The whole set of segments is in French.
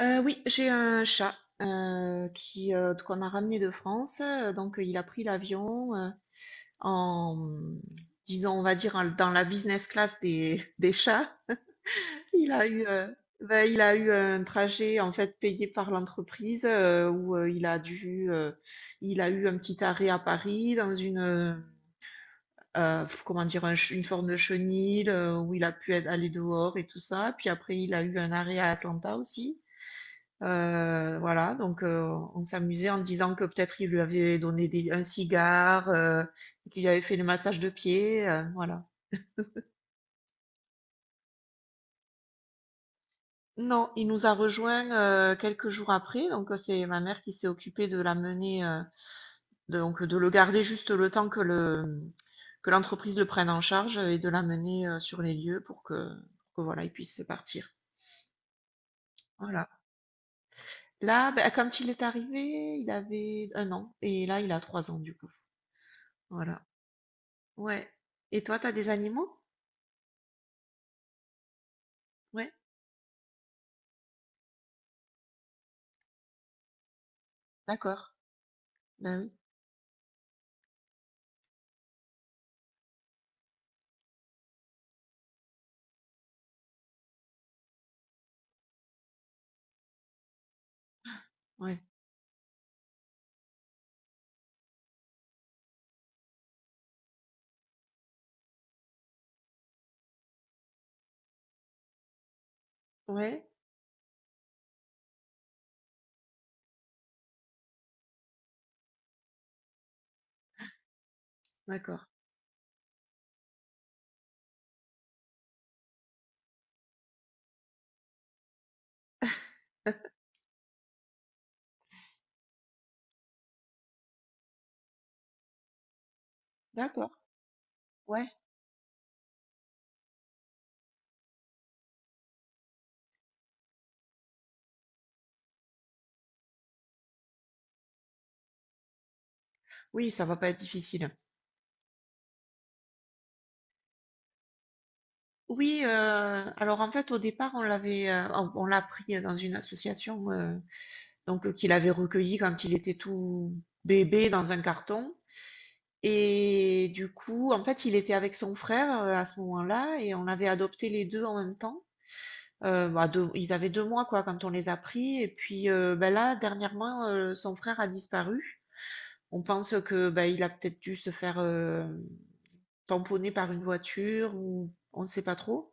Oui, j'ai un chat qui qu'on a ramené de France. Donc, il a pris l'avion en, disons, on va dire, dans la business class des, des chats. Il a eu, il a eu un trajet en fait payé par l'entreprise où il a dû, il a eu un petit arrêt à Paris dans une, comment dire, une forme de chenil où il a pu aller dehors et tout ça. Puis après, il a eu un arrêt à Atlanta aussi. Voilà, donc on s'amusait en disant que peut-être il lui avait donné un cigare, qu'il avait fait le massage de pied, voilà. Non, il nous a rejoint quelques jours après, donc c'est ma mère qui s'est occupée de l'amener, donc de le garder juste le temps que le que l'entreprise le prenne en charge et de l'amener sur les lieux pour que voilà, il puisse partir. Voilà. Là, ben, quand il est arrivé, il avait un an et là il a trois ans du coup. Voilà. Ouais. Et toi, t'as des animaux? Ouais, d'accord. Ben oui, ouais. Ouais, d'accord. D'accord, ouais. Oui, ça va pas être difficile. Oui, alors en fait, au départ, on l'a pris dans une association qu'il avait recueilli quand il était tout bébé dans un carton. Et du coup, en fait, il était avec son frère à ce moment-là et on avait adopté les deux en même temps. Ils avaient deux mois quoi quand on les a pris et puis là dernièrement son frère a disparu. On pense que bah, il a peut-être dû se faire tamponner par une voiture ou on ne sait pas trop.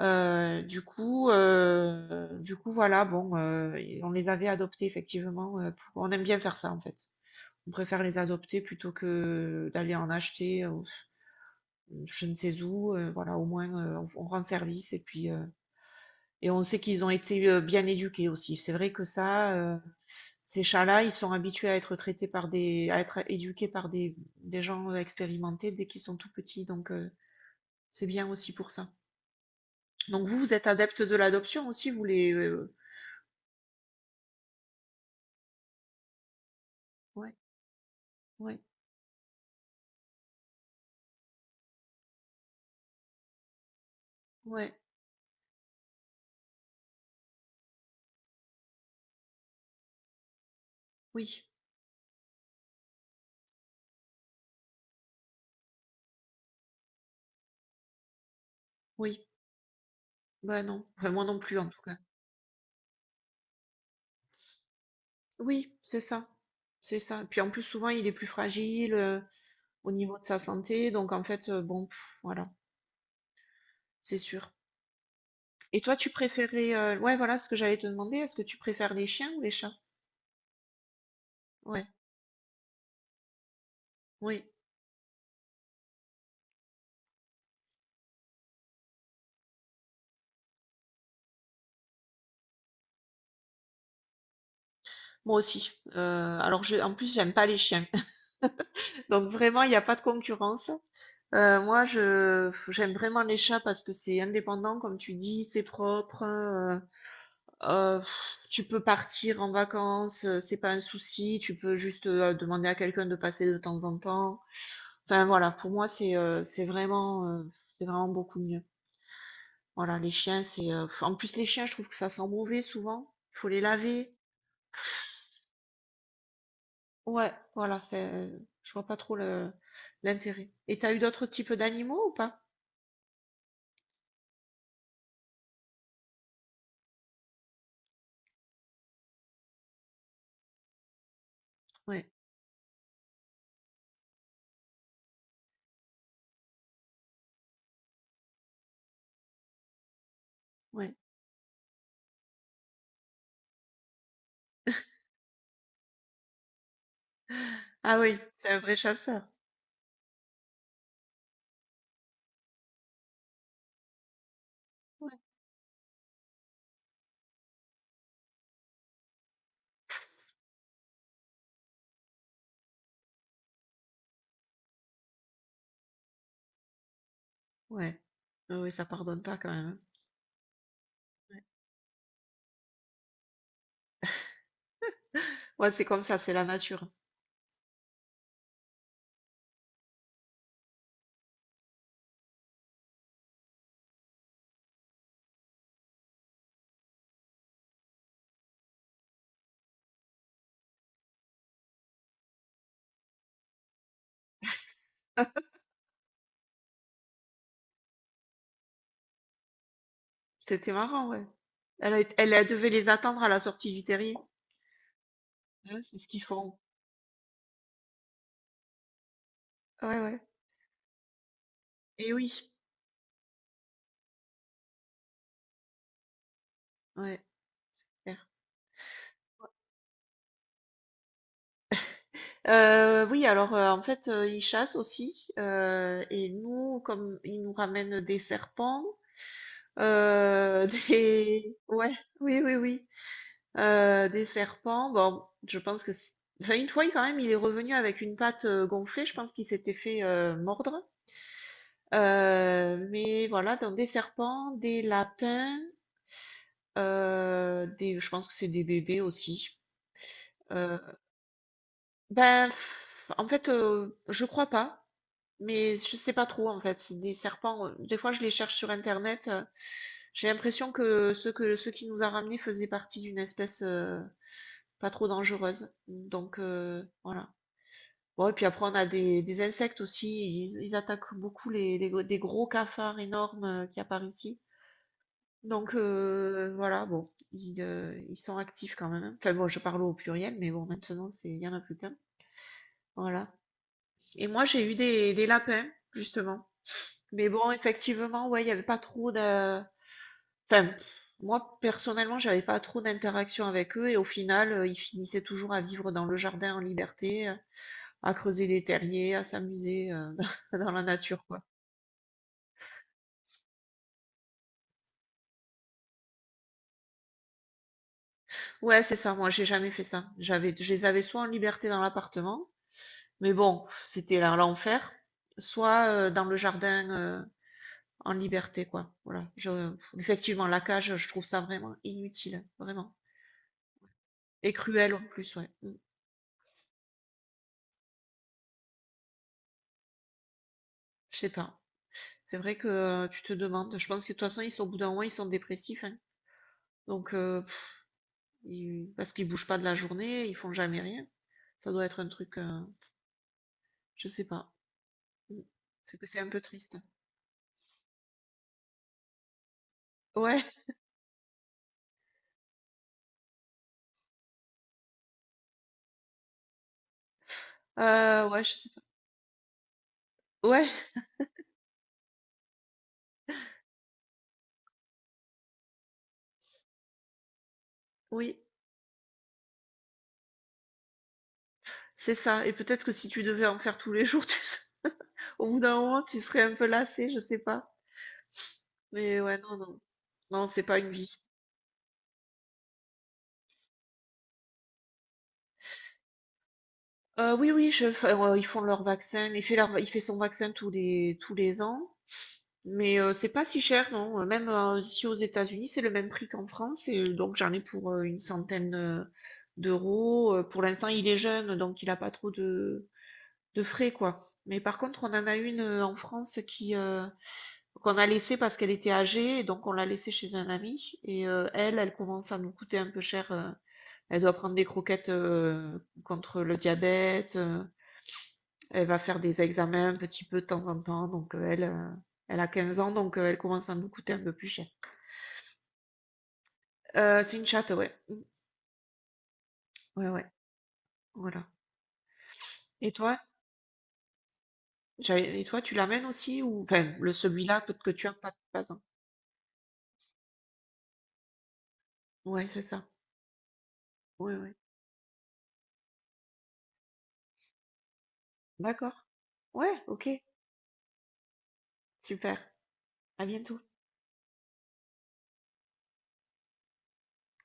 Du coup voilà bon et on les avait adoptés effectivement. On aime bien faire ça en fait. On préfère les adopter plutôt que d'aller en acheter je ne sais où. Voilà au moins on rend service et puis et on sait qu'ils ont été bien éduqués aussi. C'est vrai que ça, ces chats-là, ils sont habitués à être traités à être éduqués par des gens expérimentés dès qu'ils sont tout petits. Donc, c'est bien aussi pour ça. Donc, vous, vous êtes adepte de l'adoption aussi, ouais, ouais, ouais, oui, oui, bah non, enfin, moi non plus en tout cas. Oui, c'est ça, c'est ça. Puis en plus, souvent, il est plus fragile au niveau de sa santé. Donc, en fait, bon, pff, voilà, c'est sûr. Ouais, voilà ce que j'allais te demander. Est-ce que tu préfères les chiens ou les chats? Ouais, oui, moi aussi. Alors, je, en plus, j'aime pas les chiens. Donc vraiment, il n'y a pas de concurrence. Moi, je j'aime vraiment les chats parce que c'est indépendant, comme tu dis, c'est propre. Tu peux partir en vacances, c'est pas un souci. Tu peux juste demander à quelqu'un de passer de temps en temps. Enfin voilà, pour moi, c'est vraiment beaucoup mieux. Voilà, les chiens, c'est. En plus, les chiens, je trouve que ça sent mauvais souvent. Il faut les laver. Ouais, voilà, c'est. Je vois pas trop le l'intérêt. Et t'as eu d'autres types d'animaux ou pas? Ouais, ouais. Ah oui, c'est un vrai chasseur. Ouais. Ouais. Ah oui, ça pardonne pas quand même, hein. Ouais, c'est comme ça, c'est la nature. C'était marrant, ouais. Elle, elle devait les attendre à la sortie du terrier. Ouais, c'est ce qu'ils font. Ouais, ouais. Et oui. Ouais. Oui, alors en fait, ils chassent aussi. Et nous, comme ils nous ramènent des serpents, des... Ouais, oui, oui, oui. Des serpents, bon, je pense que... c'est- enfin, une fois, quand même, il est revenu avec une patte gonflée. Je pense qu'il s'était fait mordre. Mais voilà, donc des serpents, des lapins, des... je pense que c'est des bébés aussi. Euh, ben, pff, En fait, je crois pas. Mais je sais pas trop en fait. C'est Des serpents, des fois je les cherche sur internet. J'ai l'impression que ceux qui nous a ramenés faisaient partie d'une espèce pas trop dangereuse. Donc voilà. Bon, et puis après on a des insectes aussi. Ils attaquent beaucoup des gros cafards énormes qu'il y a par ici. Donc voilà, bon, ils sont actifs quand même. Enfin bon, je parle au pluriel, mais bon, maintenant c'est il y en a plus qu'un. Voilà. Et moi j'ai eu des lapins justement. Mais bon, effectivement, ouais, il n'y avait pas trop de... Enfin, moi, personnellement, j'avais pas trop d'interaction avec eux et au final, ils finissaient toujours à vivre dans le jardin en liberté, à creuser des terriers, à s'amuser dans la nature, quoi. Ouais, c'est ça, moi, j'ai jamais fait ça. Je les avais soit en liberté dans l'appartement, mais bon, c'était là l'enfer, soit dans le jardin en liberté, quoi. Voilà. Je, effectivement, la cage, je trouve ça vraiment inutile, vraiment. Et cruel en plus, ouais. Mm. Je sais pas. C'est vrai que tu te demandes. Je pense que de toute façon, ils sont au bout d'un moment, ils sont dépressifs, hein. Donc parce qu'ils bougent pas de la journée, ils font jamais rien. Ça doit être un truc, je sais pas. Mm. C'est que c'est un peu triste. Ouais, ouais, je sais pas. Ouais, oui, c'est ça. Et peut-être que si tu devais en faire tous les jours, au bout d'un moment, tu serais un peu lassé, je sais pas. Mais ouais, non, c'est pas une vie. Oui, enfin, ils font leur vaccin. Il fait son vaccin tous les ans. Mais c'est pas si cher, non. Même ici aux États-Unis, c'est le même prix qu'en France. Et donc j'en ai pour une centaine d'euros. Pour l'instant, il est jeune, donc il a pas trop de frais, quoi. Mais par contre, on en a une en France qui qu'on a laissée parce qu'elle était âgée, et donc on l'a laissée chez un ami. Et elle commence à nous coûter un peu cher. Elle doit prendre des croquettes contre le diabète. Elle va faire des examens un petit peu de temps en temps, donc elle a 15 ans, donc elle commence à nous coûter un peu plus cher. C'est une chatte, ouais. Mm. Ouais, ouais, voilà. Et toi, et toi, tu l'amènes aussi ou, enfin, le celui-là, peut-être que tu as pas de place, hein. Ouais, c'est ça. Ouais, ouais. D'accord. Ouais, ok, super. À bientôt.